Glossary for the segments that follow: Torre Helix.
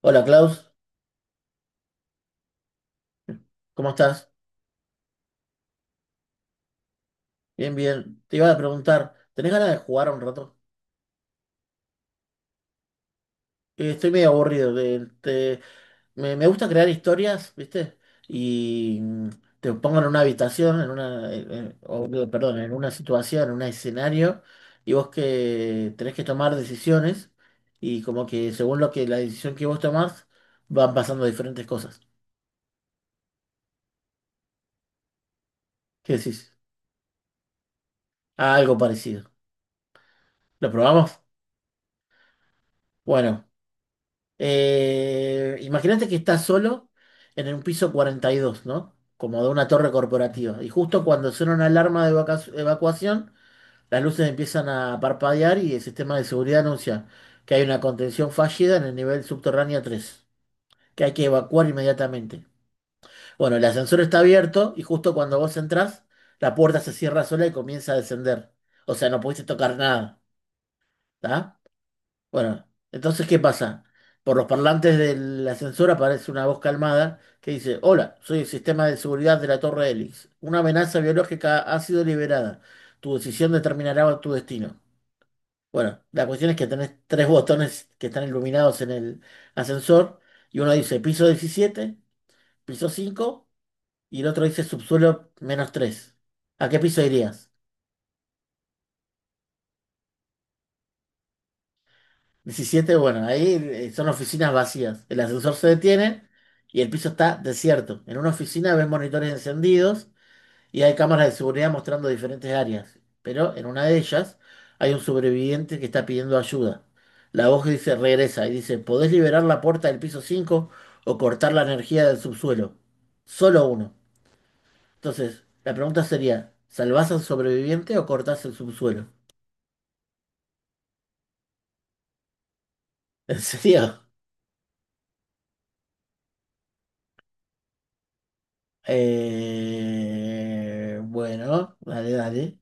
Hola Klaus, ¿cómo estás? Bien, bien. Te iba a preguntar, ¿tenés ganas de jugar un rato? Estoy medio aburrido. Me gusta crear historias, ¿viste? Y te pongo en una habitación, en una, en- o, digo, perdón, en una situación, en un escenario, y vos que tenés que tomar decisiones, y como que según lo que la decisión que vos tomás, van pasando diferentes cosas. ¿Qué decís? Ah, algo parecido. ¿Lo probamos? Bueno. Imagínate que estás solo en un piso 42, ¿no? Como de una torre corporativa. Y justo cuando suena una alarma de evacuación, las luces empiezan a parpadear y el sistema de seguridad anuncia que hay una contención fallida en el nivel subterráneo 3, que hay que evacuar inmediatamente. Bueno, el ascensor está abierto y justo cuando vos entrás, la puerta se cierra sola y comienza a descender. O sea, no pudiste tocar nada, ¿tá? Bueno, entonces, ¿qué pasa? Por los parlantes del ascensor aparece una voz calmada que dice, hola, soy el sistema de seguridad de la Torre Helix. Una amenaza biológica ha sido liberada. Tu decisión determinará tu destino. Bueno, la cuestión es que tenés tres botones que están iluminados en el ascensor y uno dice piso 17, piso 5 y el otro dice subsuelo menos 3. ¿A qué piso irías? 17. Bueno, ahí son oficinas vacías. El ascensor se detiene y el piso está desierto. En una oficina ven monitores encendidos y hay cámaras de seguridad mostrando diferentes áreas. Pero en una de ellas hay un sobreviviente que está pidiendo ayuda. La voz dice, regresa y dice, ¿podés liberar la puerta del piso 5 o cortar la energía del subsuelo? Solo uno. Entonces, la pregunta sería, ¿salvás al sobreviviente o cortás el subsuelo? ¿En serio? Bueno, dale, dale.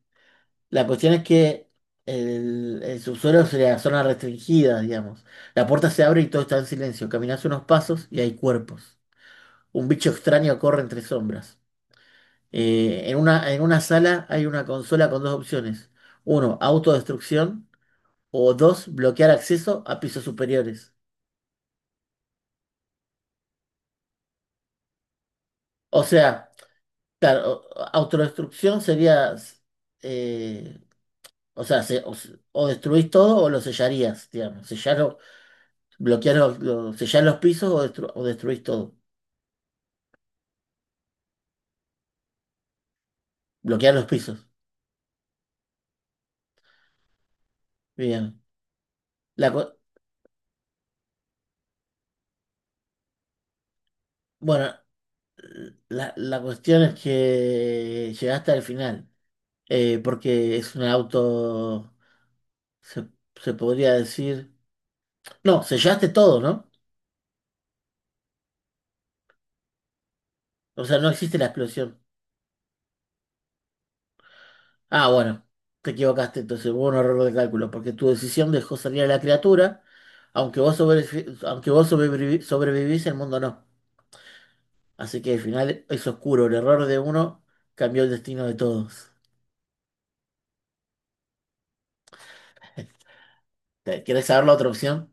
La cuestión es que el subsuelo es la zona restringida, digamos. La puerta se abre y todo está en silencio. Caminas unos pasos y hay cuerpos. Un bicho extraño corre entre sombras. En una sala hay una consola con dos opciones. Uno, autodestrucción. O dos, bloquear acceso a pisos superiores. O sea, claro, autodestrucción sería... eh, O sea, o destruís todo o lo sellarías, digamos. Sellar, bloquear sellar los pisos o, o destruís todo. Bloquear los pisos. Bien. La, cu- bueno, la cuestión es que llegaste al final, porque es un auto, se, se podría decir... No, sellaste todo, ¿no? O sea, no existe la explosión. Ah, bueno, te equivocaste, entonces hubo un error de cálculo, porque tu decisión dejó salir a la criatura, aunque vos, sobrevi- aunque vos sobrevivi- sobrevivís, el mundo no. Así que al final es oscuro, el error de uno cambió el destino de todos. ¿Querés saber la otra opción?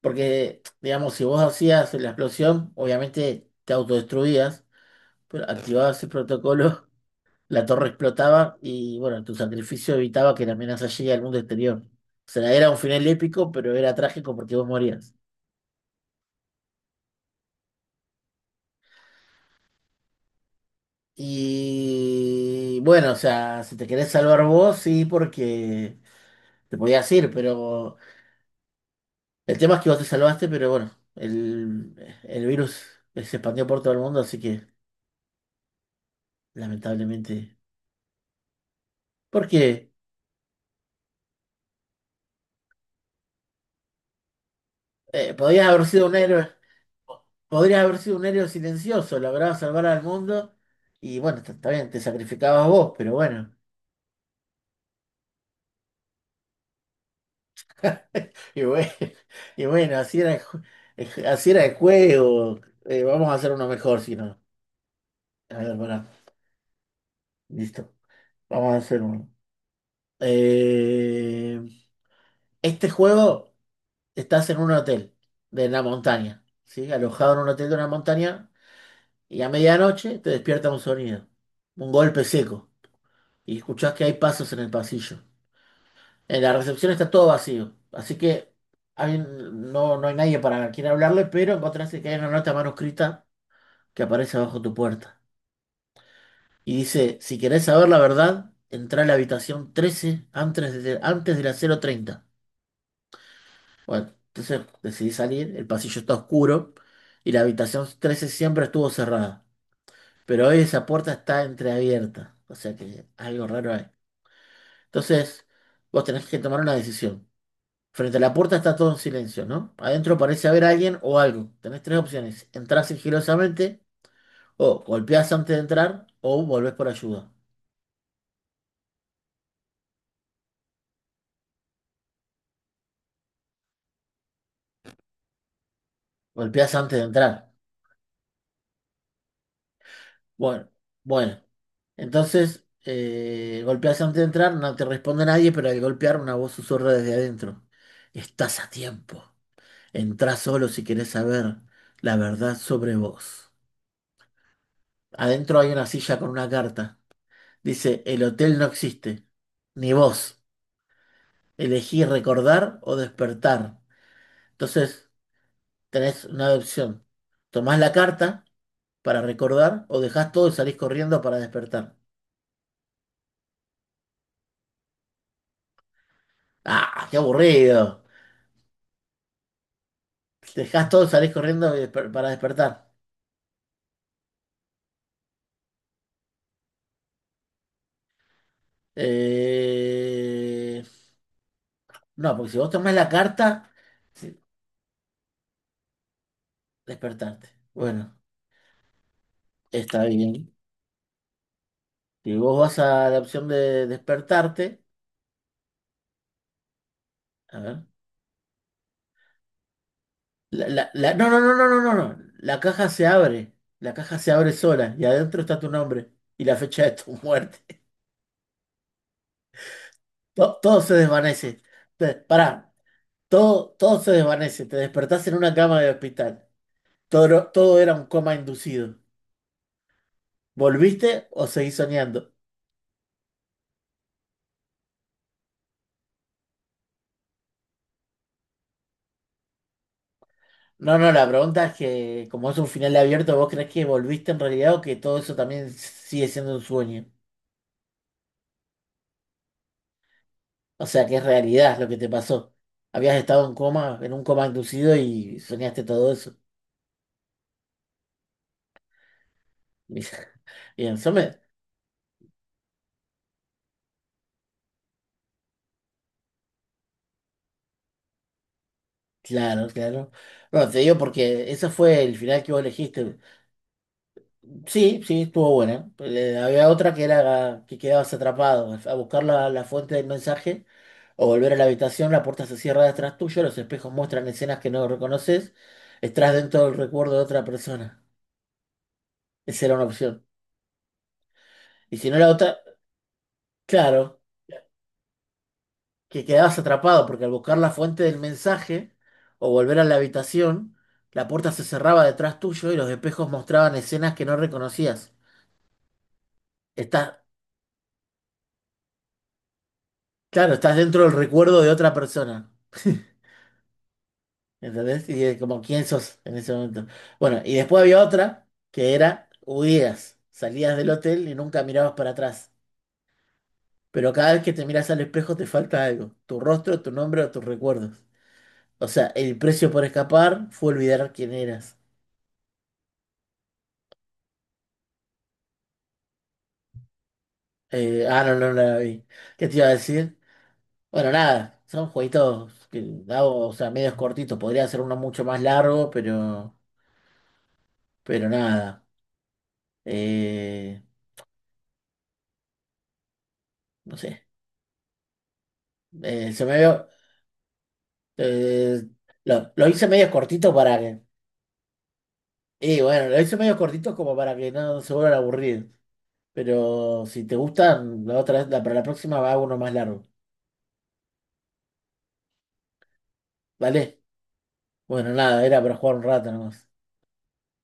Porque, digamos, si vos hacías la explosión, obviamente te autodestruías, pero activabas el protocolo, la torre explotaba y, bueno, tu sacrificio evitaba que la amenaza llegue al mundo exterior. O sea, era un final épico, pero era trágico porque vos morías. Y bueno, o sea, si te querés salvar vos, sí, porque te podías ir, pero el tema es que vos te salvaste, pero bueno, el virus se expandió por todo el mundo, así que lamentablemente. Porque podías haber sido un héroe, podrías haber sido un héroe silencioso, lograbas salvar al mundo, y bueno, está bien, te sacrificabas vos, pero bueno. Y bueno, y bueno, así era el juego. Vamos a hacer uno mejor, si no. A ver, pará. Listo. Vamos a hacer uno. Eh, este juego estás en un hotel de la montaña, ¿sí? Alojado en un hotel de una montaña y a medianoche te despierta un sonido, un golpe seco y escuchás que hay pasos en el pasillo. En la recepción está todo vacío, así que no, no hay nadie para quien hablarle, pero encontraste que hay una nota manuscrita que aparece bajo tu puerta. Y dice, si querés saber la verdad, entra a la habitación 13 antes de las 00:30. Bueno, entonces decidí salir, el pasillo está oscuro y la habitación 13 siempre estuvo cerrada, pero hoy esa puerta está entreabierta, o sea que algo raro hay. Entonces, vos tenés que tomar una decisión. Frente a la puerta está todo en silencio, ¿no? Adentro parece haber alguien o algo. Tenés tres opciones. Entrás sigilosamente o golpeás antes de entrar o volvés por ayuda. Golpeás antes de entrar. Bueno, bueno. Entonces, golpeas antes de entrar, no te responde nadie, pero al golpear una voz susurra desde adentro. Estás a tiempo. Entrá solo si querés saber la verdad sobre vos. Adentro hay una silla con una carta. Dice, el hotel no existe, ni vos. Elegí recordar o despertar. Entonces, tenés una opción. Tomás la carta para recordar o dejás todo y salís corriendo para despertar. ¡Ah, qué aburrido! Dejás todo, salís corriendo y para despertar. Eh, No, porque si vos tomás la carta, sí, despertarte. Bueno, está bien. Si vos vas a la opción de despertarte, a ver. No, no, no, no, no, no, no. La caja se abre. La caja se abre sola y adentro está tu nombre y la fecha de tu muerte. Todo, se desvanece. Pará, todo, se desvanece. Te despertás en una cama de hospital. Todo, todo era un coma inducido. ¿Volviste o seguís soñando? No, no, la pregunta es que como es un final abierto, ¿vos crees que volviste en realidad o que todo eso también sigue siendo un sueño? O sea, que es realidad lo que te pasó. Habías estado en coma, en un coma inducido y soñaste todo eso. Bien, bien, Claro, claro. Bueno, te digo porque ese fue el final que vos elegiste. Sí, sí, estuvo buena. Había otra que era que quedabas atrapado. A buscar la fuente del mensaje o volver a la habitación, la puerta se cierra detrás tuyo, los espejos muestran escenas que no reconoces, estás dentro del recuerdo de otra persona. Esa era una opción. Y si no la otra, claro, que quedabas atrapado porque al buscar la fuente del mensaje o volver a la habitación, la puerta se cerraba detrás tuyo y los espejos mostraban escenas que no reconocías. Estás, claro, estás dentro del recuerdo de otra persona. ¿Entendés? Y como, ¿quién sos en ese momento? Bueno, y después había otra que era huías. Salías del hotel y nunca mirabas para atrás. Pero cada vez que te miras al espejo te falta algo. Tu rostro, tu nombre o tus recuerdos. O sea, el precio por escapar fue olvidar quién eras. Ah, no, no, no la vi. ¿Qué te iba a decir? Bueno, nada, son jueguitos que hago, o sea, medios cortitos. Podría ser uno mucho más largo, pero nada. Eh, no sé. Se me veo. Eh, lo hice medio cortito para que. Y bueno, lo hice medio cortito como para que no se vuelvan aburridos. Pero si te gustan, la otra vez, para la próxima va uno más largo. ¿Vale? Bueno, nada, era para jugar un rato nomás.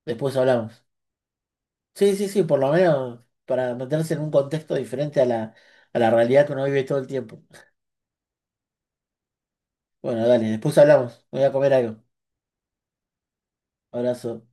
Después hablamos. Sí, sí, sí, por lo menos para meterse en un contexto diferente a la realidad que uno vive todo el tiempo. Bueno, dale, después hablamos. Voy a comer algo. Abrazo.